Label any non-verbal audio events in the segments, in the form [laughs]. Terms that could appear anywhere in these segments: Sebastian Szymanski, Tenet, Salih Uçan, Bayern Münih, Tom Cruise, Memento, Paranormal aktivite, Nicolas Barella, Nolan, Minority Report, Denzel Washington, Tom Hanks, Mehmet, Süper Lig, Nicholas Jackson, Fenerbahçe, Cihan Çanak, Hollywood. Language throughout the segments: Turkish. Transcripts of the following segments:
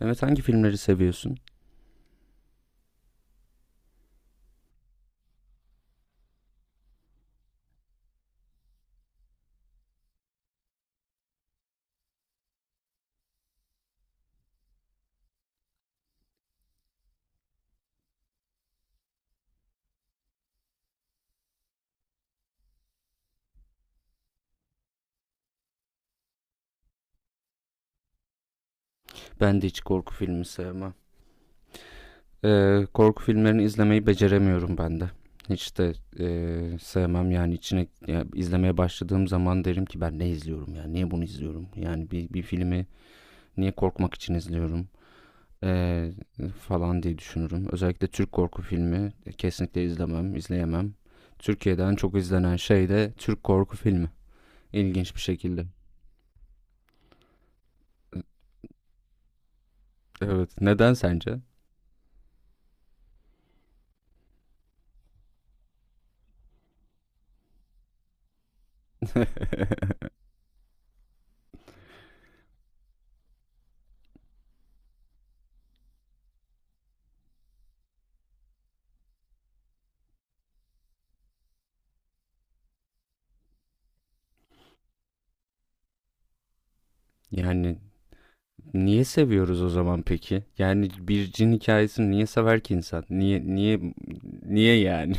Evet hangi filmleri seviyorsun? Ben de hiç korku filmi sevmem. Korku filmlerini izlemeyi beceremiyorum ben de. Hiç de sevmem yani içine ya izlemeye başladığım zaman derim ki ben ne izliyorum ya niye bunu izliyorum yani bir filmi niye korkmak için izliyorum. Ee, Falan diye düşünürüm. Özellikle Türk korku filmi kesinlikle izlemem izleyemem. Türkiye'den çok izlenen şey de Türk korku filmi, İlginç bir şekilde. Evet neden sence? [laughs] Yani niye seviyoruz o zaman peki? Yani bir cin hikayesini niye sever ki insan? Niye yani?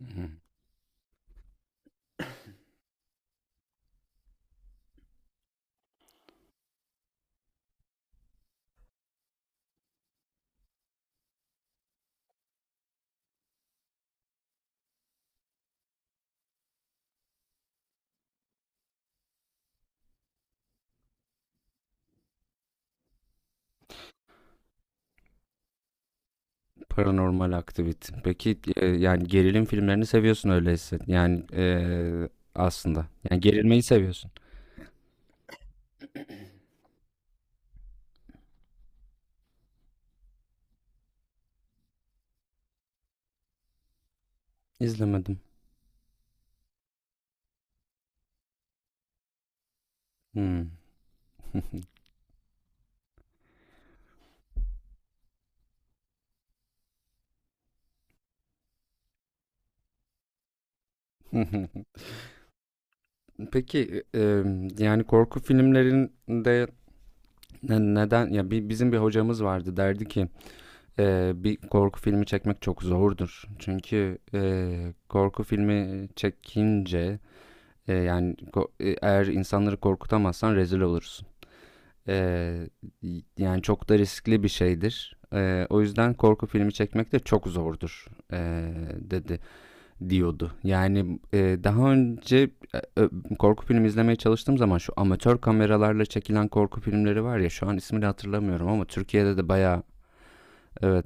[laughs] Paranormal aktivite. Peki yani gerilim filmlerini seviyorsun öyleyse. Yani aslında. Yani gerilmeyi seviyorsun. İzlemedim. Hmm. [laughs] [laughs] Peki yani korku filmlerinde neden ya bizim bir hocamız vardı derdi ki bir korku filmi çekmek çok zordur. Çünkü korku filmi çekince eğer insanları korkutamazsan rezil olursun. Ee, Yani çok da riskli bir şeydir. O yüzden korku filmi çekmek de çok zordur, ee, dedi diyordu. Yani daha önce e, ö- korku filmi izlemeye çalıştığım zaman şu amatör kameralarla çekilen korku filmleri var ya şu an ismini hatırlamıyorum ama Türkiye'de de bayağı evet,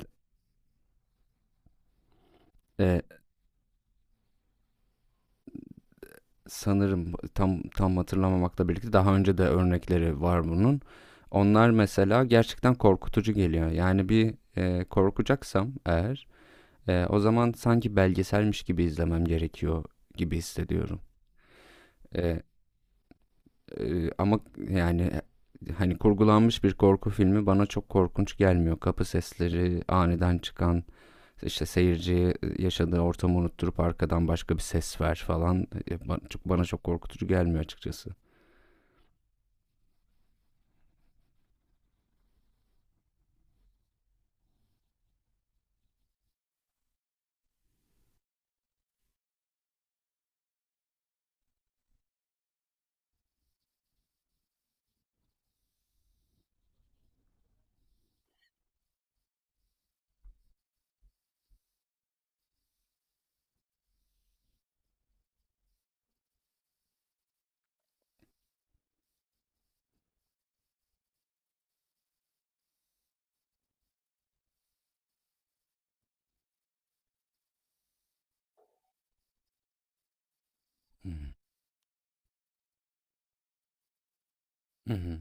e, sanırım tam hatırlamamakla birlikte daha önce de örnekleri var bunun. Onlar mesela gerçekten korkutucu geliyor. Yani bir korkacaksam eğer o zaman sanki belgeselmiş gibi izlemem gerekiyor gibi hissediyorum. E, Ama yani hani kurgulanmış bir korku filmi bana çok korkunç gelmiyor. Kapı sesleri, aniden çıkan işte seyirciye yaşadığı ortamı unutturup arkadan başka bir ses ver falan bana çok korkutucu gelmiyor açıkçası. Hmm. Hı hı.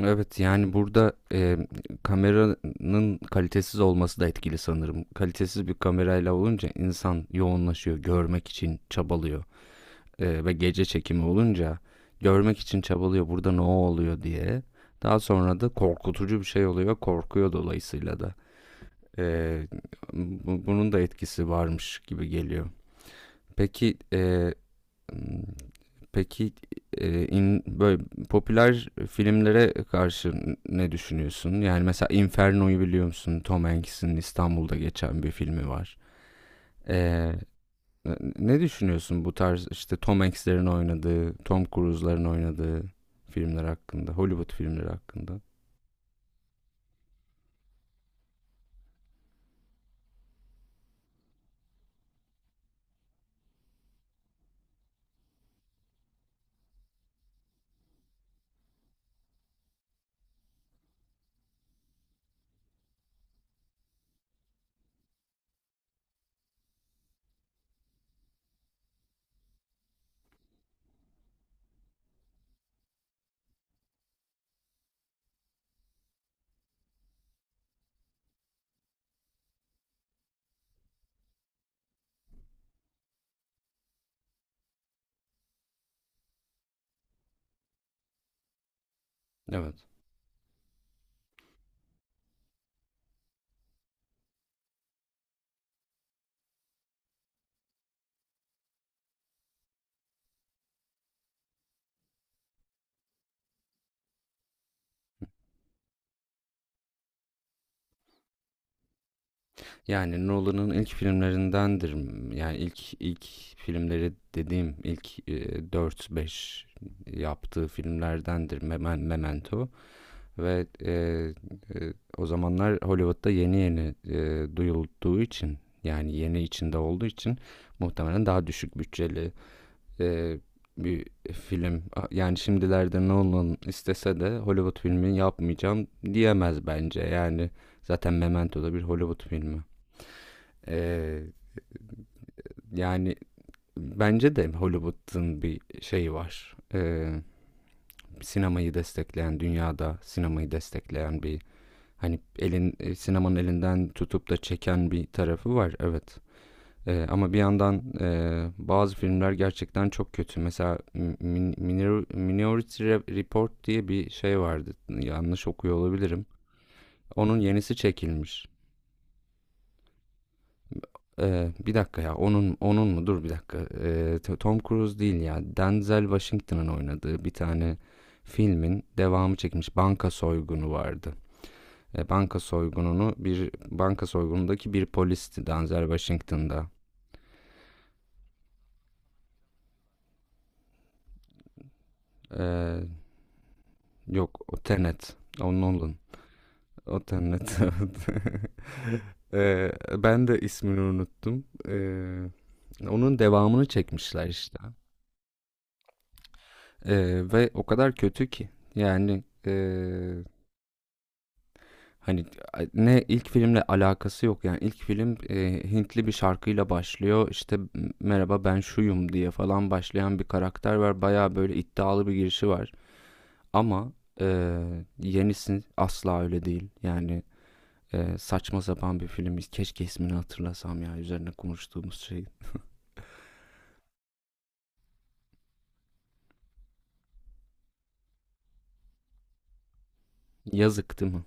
Evet yani burada kameranın kalitesiz olması da etkili sanırım. Kalitesiz bir kamerayla olunca insan yoğunlaşıyor, görmek için çabalıyor. E, ve gece çekimi olunca görmek için çabalıyor burada ne oluyor diye. Daha sonra da korkutucu bir şey oluyor, korkuyor dolayısıyla da. E, Bunun da etkisi varmış gibi geliyor. Peki e, Peki, in böyle popüler filmlere karşı ne düşünüyorsun? Yani mesela Inferno'yu biliyor musun? Tom Hanks'in İstanbul'da geçen bir filmi var. Eee, Ne düşünüyorsun bu tarz, işte, Tom Hanks'lerin oynadığı, Tom Cruise'ların oynadığı filmler hakkında, Hollywood filmleri hakkında? Evet. Yani Nolan'ın ilk filmlerindendir. Yani ilk filmleri dediğim ilk, 4-5 yaptığı filmlerdendir. Memen Memento. Ve o zamanlar Hollywood'da yeni duyulduğu için yani yeni içinde olduğu için muhtemelen daha düşük bütçeli e, bir film. Yani şimdilerde Nolan istese de Hollywood filmi yapmayacağım diyemez bence. Yani zaten Memento da bir Hollywood filmi. E, Yani bence de Hollywood'un bir şeyi var. E, sinemayı destekleyen, dünyada sinemayı destekleyen bir. Hani elin sinemanın elinden tutup da çeken bir tarafı var, evet. Ama bir yandan bazı filmler gerçekten çok kötü. Mesela Minority Report diye bir şey vardı. Yanlış okuyor olabilirim. Onun yenisi çekilmiş. Bir dakika ya onun onun mu? Dur bir dakika. Tom Cruise değil ya. Denzel Washington'ın oynadığı bir tane filmin devamı çekilmiş. Banka soygunu vardı. E, banka soygununu Bir banka soygunundaki bir polisti Denzel Washington'da. E, Yok o Tenet. O Nolan. O Tenet. [laughs] E, ben de ismini unuttum. Onun devamını çekmişler işte. E, ve o kadar kötü ki. Yani hani ne ilk filmle alakası yok. Yani ilk film Hintli bir şarkıyla başlıyor. İşte merhaba ben şuyum diye falan başlayan bir karakter var. Baya böyle iddialı bir girişi var. Ama yenisi asla öyle değil. Yani saçma sapan bir film. Keşke ismini hatırlasam ya üzerine konuştuğumuz şey. Yazık değil mi?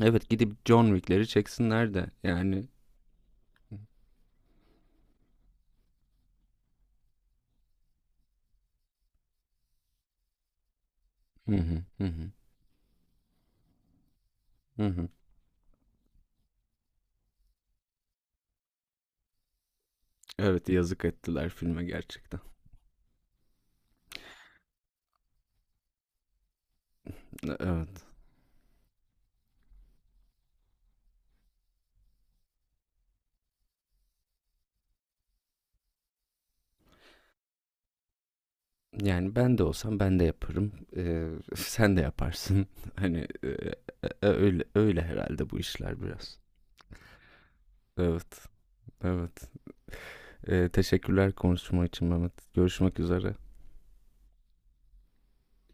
Evet gidip John Wick'leri çeksinler de yani. Hı hı hı hı. Hı hı. Evet yazık ettiler filme gerçekten. Evet. Yani ben de olsam ben de yaparım. [laughs] Sen de yaparsın. [laughs] Hani öyle öyle herhalde bu işler biraz. Evet, evet. Teşekkürler konuşma için Mehmet. Görüşmek üzere.